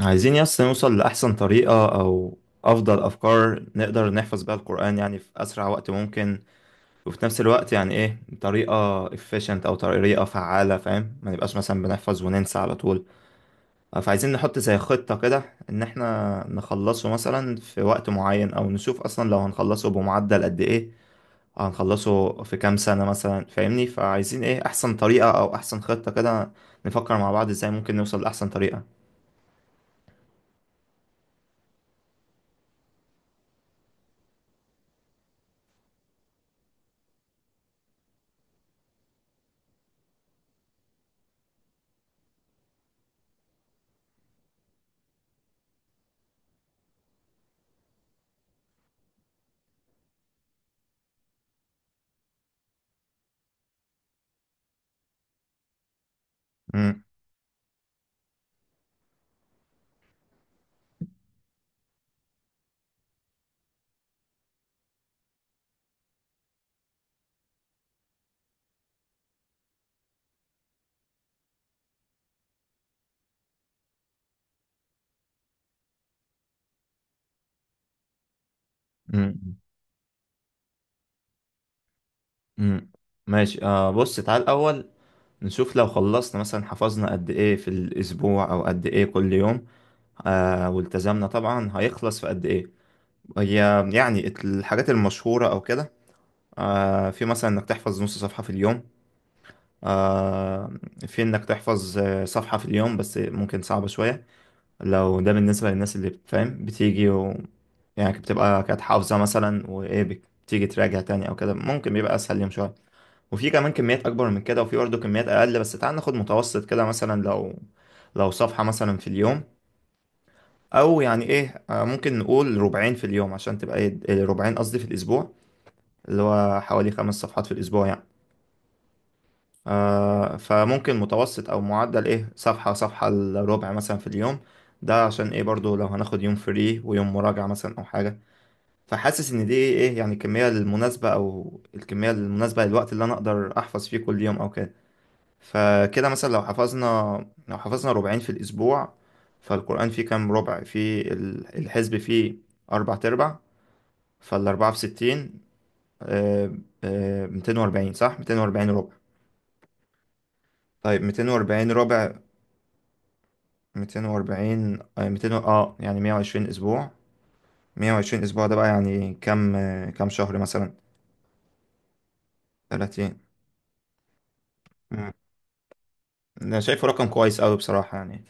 عايزين نوصل لأحسن طريقة أو أفضل أفكار نقدر نحفظ بيها القرآن، يعني في أسرع وقت ممكن. وفي نفس الوقت يعني إيه، طريقة efficient أو طريقة فعالة، فاهم؟ ما نبقاش مثلا بنحفظ وننسى على طول. فعايزين نحط زي خطة كده، إن إحنا نخلصه مثلا في وقت معين، أو نشوف أصلا لو هنخلصه بمعدل قد إيه، هنخلصه في كام سنة مثلا، فاهمني؟ فعايزين إيه أحسن طريقة أو أحسن خطة كده، نفكر مع بعض إزاي ممكن نوصل لأحسن طريقة. مم. مم. امم ماشي. آه، بص، تعال الأول نشوف لو خلصنا مثلا حفظنا قد إيه في الأسبوع أو قد إيه كل يوم، آه، والتزمنا طبعا هيخلص في قد إيه. هي يعني الحاجات المشهورة أو كده، آه، في مثلا إنك تحفظ نص صفحة في اليوم، آه، في إنك تحفظ صفحة في اليوم، بس ممكن صعبة شوية لو ده بالنسبة للناس اللي، فاهم، بتيجي و... يعني بتبقى كانت حافظة مثلا وإيه، بتيجي تراجع تاني أو كده، ممكن بيبقى أسهل يوم شوية. وفي كمان كميات اكبر من كده، وفي برضه كميات اقل، بس تعال ناخد متوسط كده، مثلا لو صفحة مثلا في اليوم، او يعني ايه، ممكن نقول ربعين في اليوم عشان تبقى ايه، ربعين قصدي في الاسبوع، اللي هو حوالي 5 صفحات في الاسبوع يعني. آه، فممكن متوسط او معدل، ايه، صفحة الربع مثلا في اليوم. ده عشان ايه، برضو لو هناخد يوم فري ويوم مراجعة مثلا او حاجة. فحاسس ان دي ايه، يعني الكمية المناسبة، او الكمية المناسبة للوقت اللي انا اقدر احفظ فيه كل يوم او كده. فكده مثلا لو حفظنا ربعين في الأسبوع، فالقرآن فيه كام ربع؟ فيه الحزب فيه أربع تربع، فالأربعة في 60، آه، 240، صح؟ 240 ربع. طيب 240 ربع، 240، آه، ميتين و- اه يعني 120 أسبوع. 120 أسبوع ده بقى يعني كام، كام شهر مثلا؟ 30. مم. أنا شايفه رقم كويس أوي بصراحة، يعني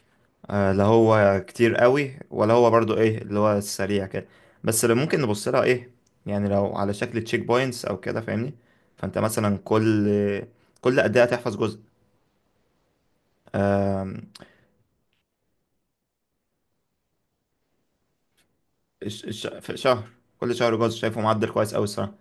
لا هو كتير قوي ولا هو برضو ايه اللي هو السريع كده. بس اللي ممكن نبص لها، ايه، يعني لو على شكل تشيك بوينتس او كده، فاهمني؟ فانت مثلا كل قد ايه هتحفظ جزء؟ آم، في شهر، كل شهر جزء، شايفه معدل كويس قوي الصراحه.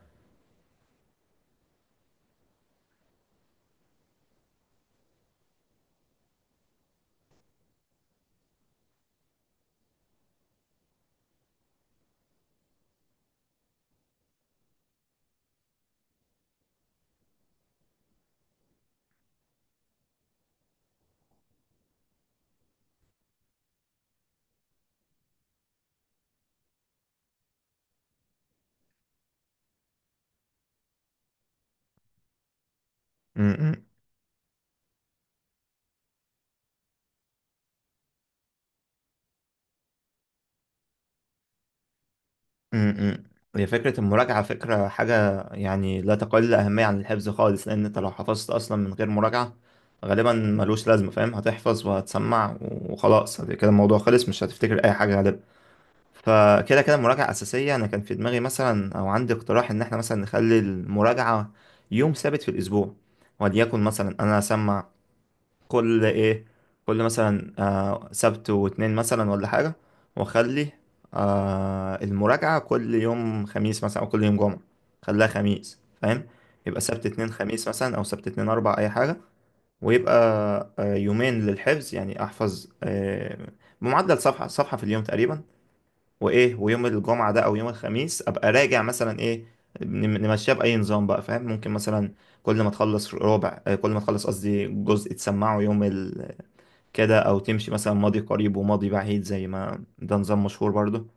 م- م- م. هي فكره المراجعه فكره حاجه يعني لا تقل اهميه عن الحفظ خالص، لان انت لو حفظت اصلا من غير مراجعه غالبا ملوش لازمه، فاهم؟ هتحفظ وهتسمع وخلاص، كده الموضوع خلص، مش هتفتكر اي حاجه غالبا. فكده كده المراجعة أساسية. أنا كان في دماغي مثلا أو عندي اقتراح إن إحنا مثلا نخلي المراجعة يوم ثابت في الأسبوع، وليكن مثلا أنا أسمع كل إيه، كل مثلا آه سبت واتنين مثلا ولا حاجة، وأخلي المراجعة كل يوم خميس مثلا أو كل يوم جمعة، خليها خميس، فاهم؟ يبقى سبت اتنين خميس مثلا، أو سبت اتنين أربع، أي حاجة. ويبقى يومين للحفظ، يعني أحفظ آه بمعدل صفحة في اليوم تقريبا. وايه، ويوم الجمعه ده او يوم الخميس ابقى راجع مثلا، ايه، نمشيها باي نظام بقى، فاهم؟ ممكن مثلا كل ما تخلص ربع، كل ما تخلص قصدي جزء، تسمعه يوم ال... كده، او تمشي مثلا ماضي قريب وماضي بعيد زي ما ده نظام مشهور برضو.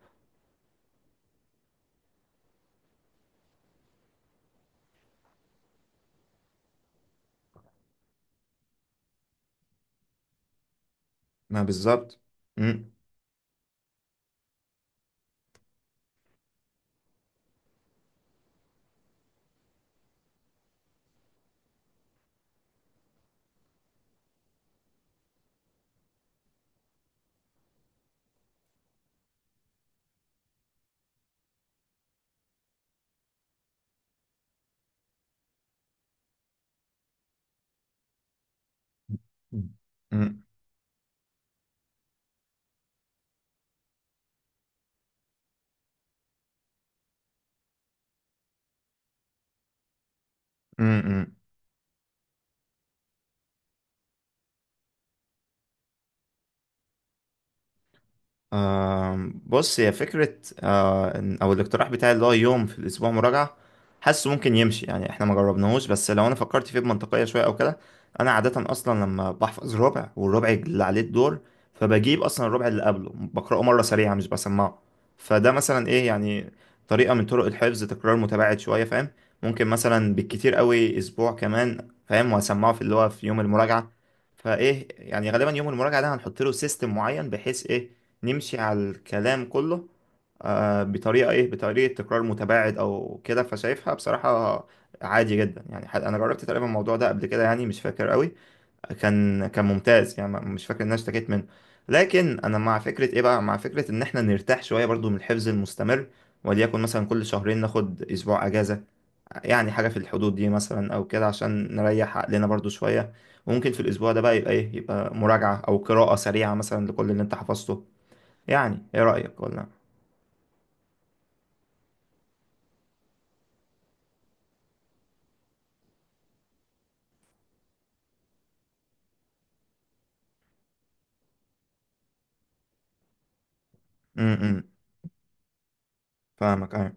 ما بالظبط. امم. آم، بص، هي فكرة أو الاقتراح بتاعي اللي هو يوم في الأسبوع مراجعة، حاسه ممكن يمشي يعني. إحنا ما جربناهوش، بس لو أنا فكرت فيه بمنطقية شوية أو كده، أنا عادة أصلا لما بحفظ ربع والربع اللي عليه الدور، فبجيب أصلا الربع اللي قبله بقرأه مرة سريعة مش بسمعه، فده مثلا إيه، يعني طريقة من طرق الحفظ، تكرار متباعد شوية، فاهم؟ ممكن مثلا بالكتير قوي أسبوع كمان، فاهم، وأسمعه في اللي هو في يوم المراجعة. فايه، يعني غالبا يوم المراجعه ده هنحط له سيستم معين بحيث ايه نمشي على الكلام كله، آه، بطريقه ايه، بطريقه تكرار متباعد او كده. فشايفها بصراحه عادي جدا، يعني، انا جربت تقريبا الموضوع ده قبل كده يعني، مش فاكر قوي، كان ممتاز يعني، مش فاكر ان انا اشتكيت منه. لكن انا مع فكره ايه بقى، مع فكره ان احنا نرتاح شويه برضو من الحفظ المستمر، وليكن مثلا كل شهرين ناخد اسبوع اجازه، يعني حاجة في الحدود دي مثلا أو كده، عشان نريح عقلنا برضو شوية. وممكن في الأسبوع ده بقى يبقى إيه، يبقى مراجعة أو قراءة سريعة مثلا لكل اللي أنت حفظته. يعني إيه رأيك؟ ولا؟ إمم. فاهمك، أيوة.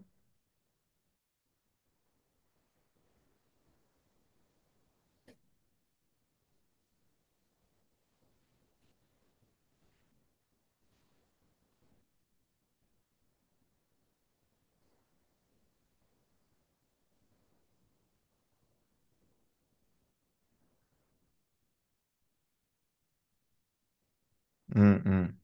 إمم،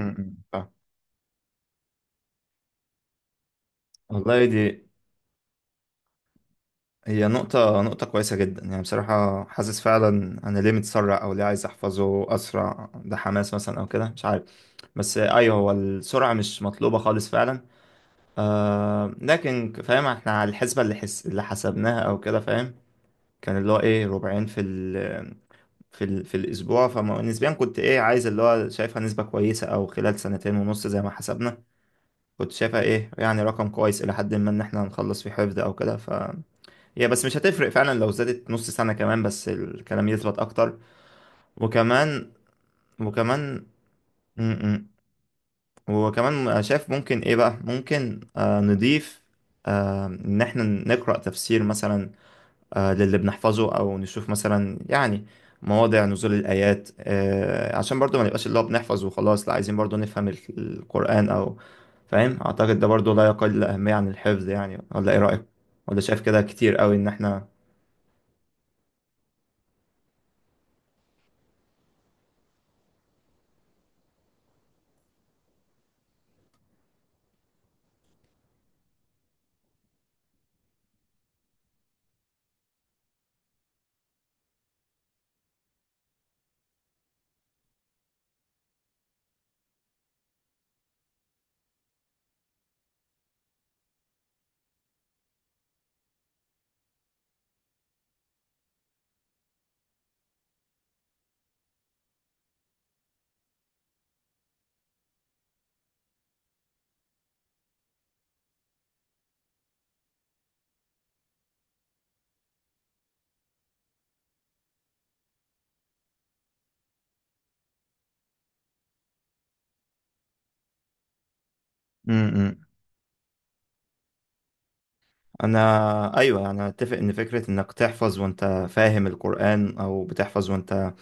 إمم، إمم. فاهم. والله، دي هي نقطة كويسة جدا، يعني بصراحة حاسس فعلا. أنا ليه متسرع أو ليه عايز أحفظه أسرع؟ ده حماس مثلا أو كده، مش عارف. بس أيوه، هو السرعة مش مطلوبة خالص فعلا. آه لكن، فاهم، احنا على الحسبة اللي اللي حسبناها او كده، فاهم، كان اللي هو ايه ربعين في الاسبوع، فنسبيا كنت، ايه، عايز اللي هو شايفها نسبة كويسة، او خلال سنتين ونص زي ما حسبنا. كنت شايفها ايه، يعني رقم كويس الى حد ما، ان احنا هنخلص في حفظ او كده. ف هي بس مش هتفرق فعلا لو زادت نص سنة كمان، بس الكلام يثبت اكتر. وكمان وكمان م- م. وكمان شايف ممكن ايه بقى، ممكن نضيف ان احنا نقرأ تفسير مثلا، للي بنحفظه، او نشوف مثلا يعني مواضع نزول الايات، عشان برضو ما نبقاش اللي هو بنحفظ وخلاص، لا عايزين برضو نفهم القرآن او، فاهم، اعتقد ده برضو لا يقل اهمية عن الحفظ، يعني ولا ايه رأيك؟ ولا شايف كده كتير قوي ان احنا... امم انا، ايوه، انا اتفق ان فكرة انك تحفظ وانت فاهم القرآن، او بتحفظ وانت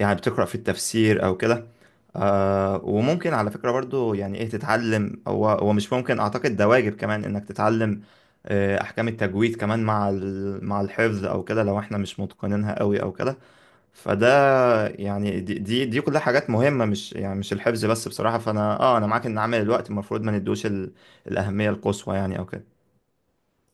يعني بتقرأ في التفسير أو كده. آه، وممكن على فكرة برضو، يعني إيه، تتعلم، هو مش ممكن، أعتقد ده واجب كمان إنك تتعلم آه أحكام التجويد كمان مع مع الحفظ أو كده، لو إحنا مش متقنينها قوي أو كده. فده، يعني دي كلها حاجات مهمة، مش يعني مش الحفظ بس بصراحة. فأنا آه، أنا معاك إن عامل الوقت المفروض ما ندوش الأهمية القصوى يعني أو كده.